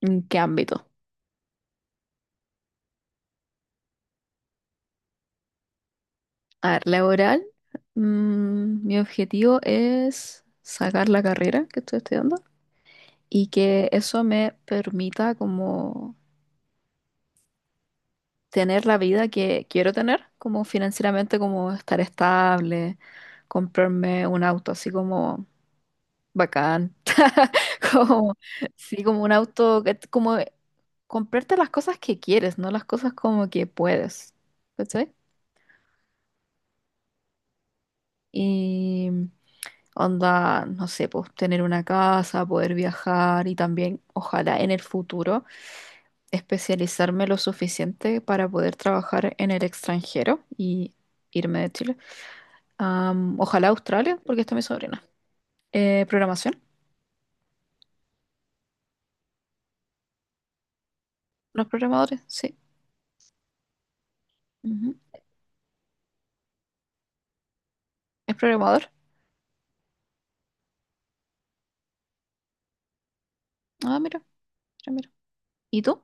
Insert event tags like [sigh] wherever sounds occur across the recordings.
¿En qué ámbito? A ver, laboral, mi objetivo es sacar la carrera que estoy estudiando y que eso me permita como tener la vida que quiero tener, como financieramente, como estar estable, comprarme un auto así como bacán, [laughs] como, sí, como un auto, como comprarte las cosas que quieres, no las cosas como que puedes, ¿cachai? Onda, no sé, pues tener una casa, poder viajar y también, ojalá en el futuro, especializarme lo suficiente para poder trabajar en el extranjero y irme de Chile. Ojalá Australia, porque está mi sobrina. Programación, los programadores, sí. Ujú. ¿Es programador? Ah, mira, mira, mira. ¿Y tú?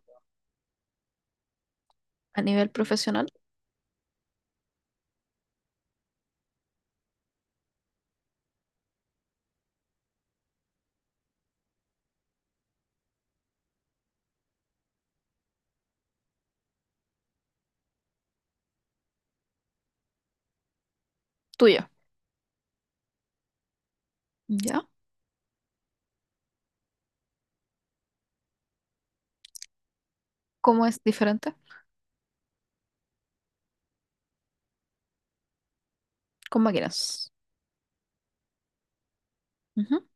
A nivel profesional, tuyo. ¿Ya? ¿Cómo es diferente? Con máquinas. Ujú.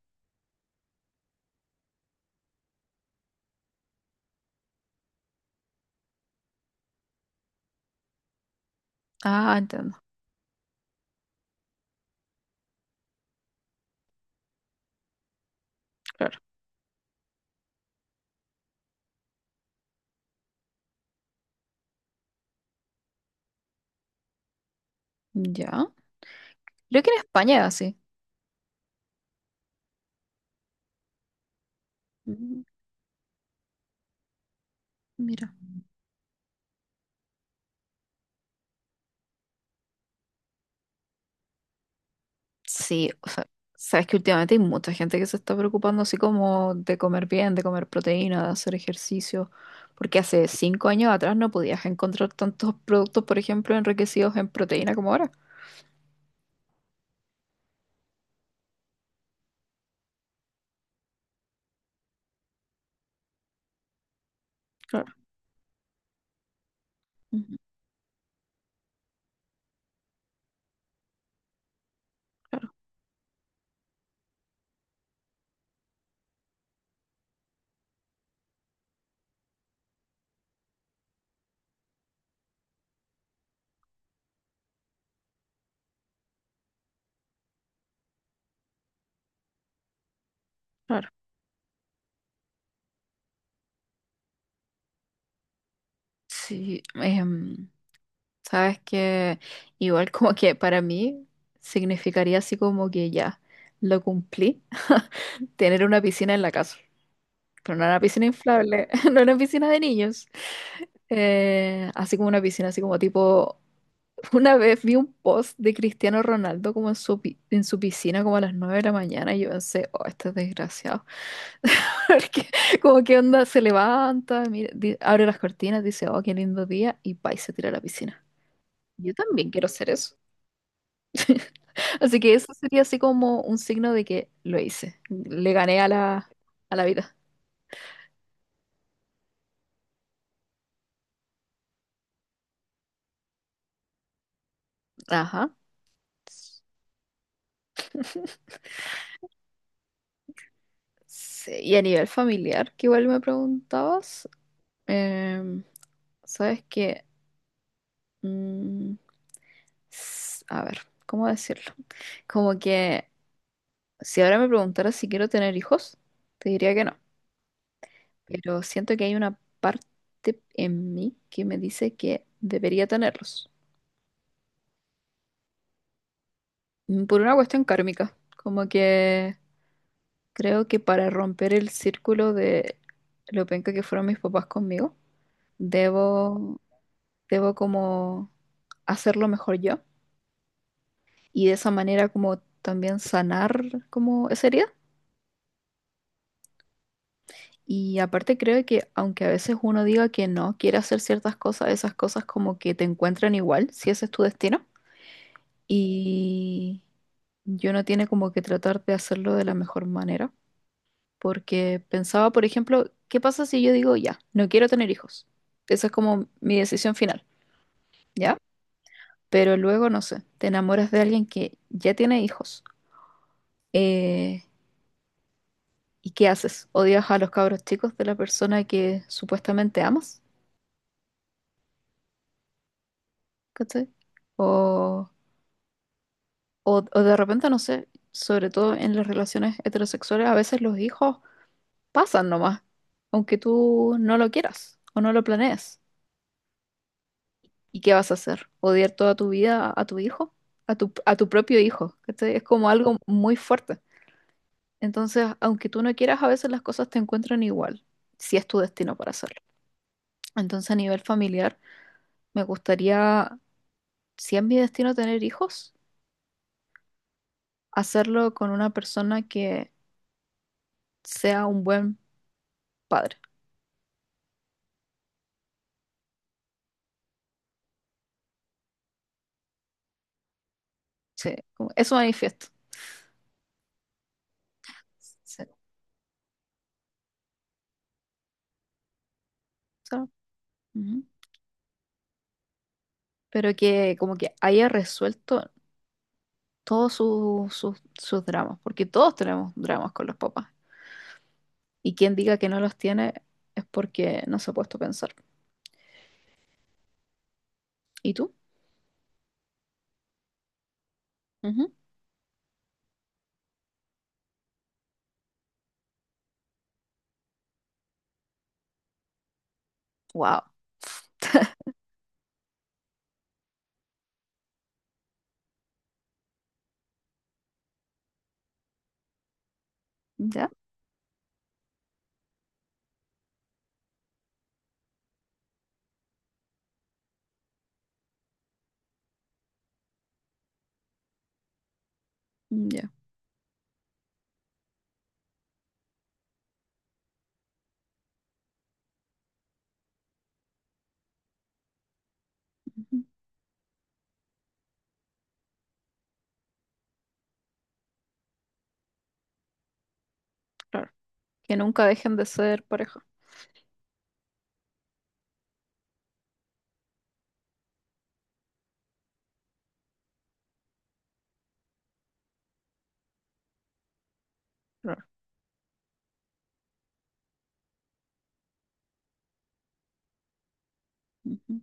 Ah, entiendo, claro. Ya. Creo que en España es así. Mm, mira. Sí, o sea, sabes que últimamente hay mucha gente que se está preocupando así como de comer bien, de comer proteína, de hacer ejercicio, porque hace 5 años atrás no podías encontrar tantos productos, por ejemplo, enriquecidos en proteína como ahora. Claro, ujú, claro, claro. Sí, sabes que igual como que para mí significaría así como que ya lo cumplí, [laughs] tener una piscina en la casa. Pero no era una piscina inflable, [laughs] no era una piscina de niños. Así como una piscina, así como tipo, una vez vi un post de Cristiano Ronaldo como en su, en su piscina como a las 9 de la mañana y yo pensé, oh, este es desgraciado, [laughs] porque como que onda, se levanta, mira, abre las cortinas, dice, oh, qué lindo día y pa, y se tira a la piscina. Yo también quiero hacer eso. [laughs] Así que eso sería así como un signo de que lo hice, le gané a la vida. Ajá. Sí, y a nivel familiar, que igual me preguntabas, em, sabes que, mm, a ver, ¿cómo decirlo? Como que si ahora me preguntaras si quiero tener hijos, te diría que no, pero siento que hay una parte en mí que me dice que debería tenerlos. Por una cuestión kármica, como que creo que para romper el círculo de lo penca que fueron mis papás conmigo, debo... debo como hacerlo mejor yo y de esa manera como también sanar como esa herida. Y aparte creo que aunque a veces uno diga que no quiere hacer ciertas cosas, esas cosas como que te encuentran igual, si ese es tu destino. Y yo no tiene como que tratar de hacerlo de la mejor manera, porque pensaba, por ejemplo, ¿qué pasa si yo digo ya, no quiero tener hijos? Esa es como mi decisión final, ¿ya? Pero luego, no sé, te enamoras de alguien que ya tiene hijos. eh, ¿Y qué haces? ¿Odias a los cabros chicos de la persona que supuestamente amas? ¿Cachai? O, o de repente, no sé, sobre todo en las relaciones heterosexuales, a veces los hijos pasan nomás, aunque tú no lo quieras o no lo planees. ¿Y qué vas a hacer? ¿Odiar toda tu vida a tu hijo? A tu propio hijo, ¿cachai? Es como algo muy fuerte. Entonces, aunque tú no quieras, a veces las cosas te encuentran igual, si es tu destino para hacerlo. Entonces, a nivel familiar, me gustaría si es mi destino tener hijos, hacerlo con una persona que sea un buen padre. Sí, como- eso manifiesto. Sí, so- ujú. Pero que como que haya resuelto todos sus, dramas, porque todos tenemos dramas con los papás. Y quien diga que no los tiene es porque no se ha puesto a pensar. ¿Y tú? Ujú. Wow. ¿Ya? Ya. Ujú. Claro. Que nunca dejen de ser pareja. Claro. Ujú.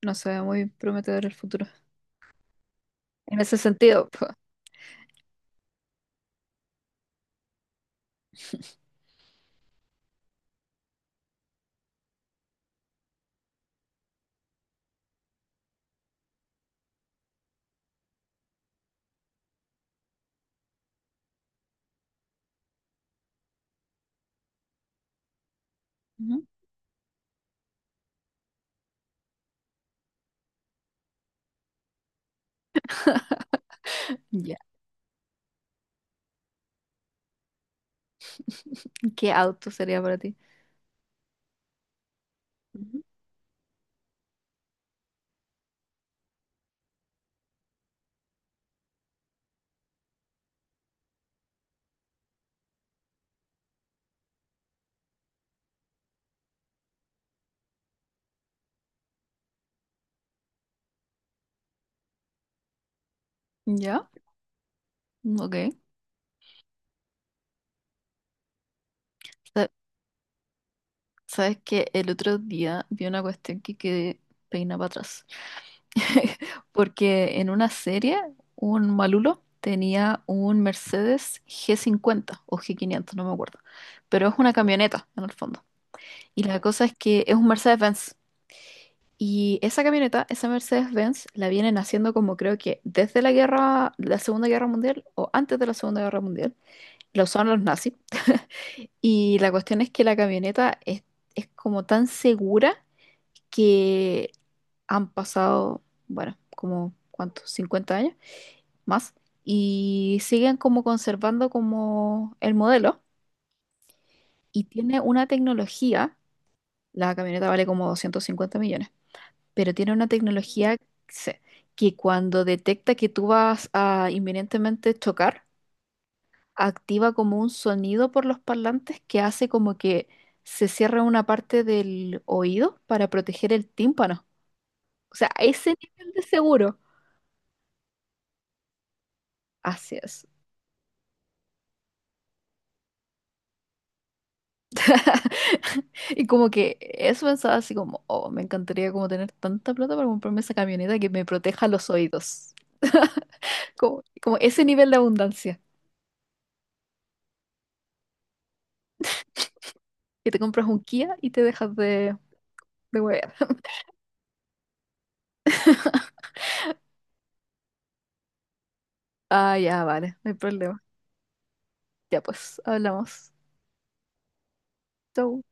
No se ve muy prometedor el futuro. En ese sentido. [laughs] Ujú. Ya. ¿Qué auto sería para ti? Ujú. Ya. Ok. Sa- Sabes que el otro día vi una cuestión que quedé peina para atrás. [laughs] Porque en una serie, un malulo tenía un Mercedes G 50 o G 500, no me acuerdo. Pero es una camioneta, en el fondo. Y la cosa es que es un Mercedes-Benz. Y esa camioneta, esa Mercedes-Benz, la vienen haciendo como creo que desde la guerra, la Segunda Guerra Mundial o antes de la Segunda Guerra Mundial. Lo son los nazis. [laughs] Y la cuestión es que la camioneta es como tan segura que han pasado, bueno, como, ¿cuántos? 50 años más. Y siguen como conservando como el modelo. Y tiene una tecnología, la camioneta vale como 250 millones, pero tiene una tecnología se- que cuando detecta que tú vas a inminentemente chocar, activa como un sonido por los parlantes que hace como que se cierra una parte del oído para proteger el tímpano. O sea, a ese nivel de seguro. Así es. [laughs] Y como que eso pensaba así como, oh, me encantaría como tener tanta plata para comprarme esa camioneta que me proteja los oídos. Como, como ese nivel de abundancia. Que te compras un Kia y te dejas de, huevear. [laughs] Ah, ya, vale, no hay problema. Ya pues, hablamos. Chau.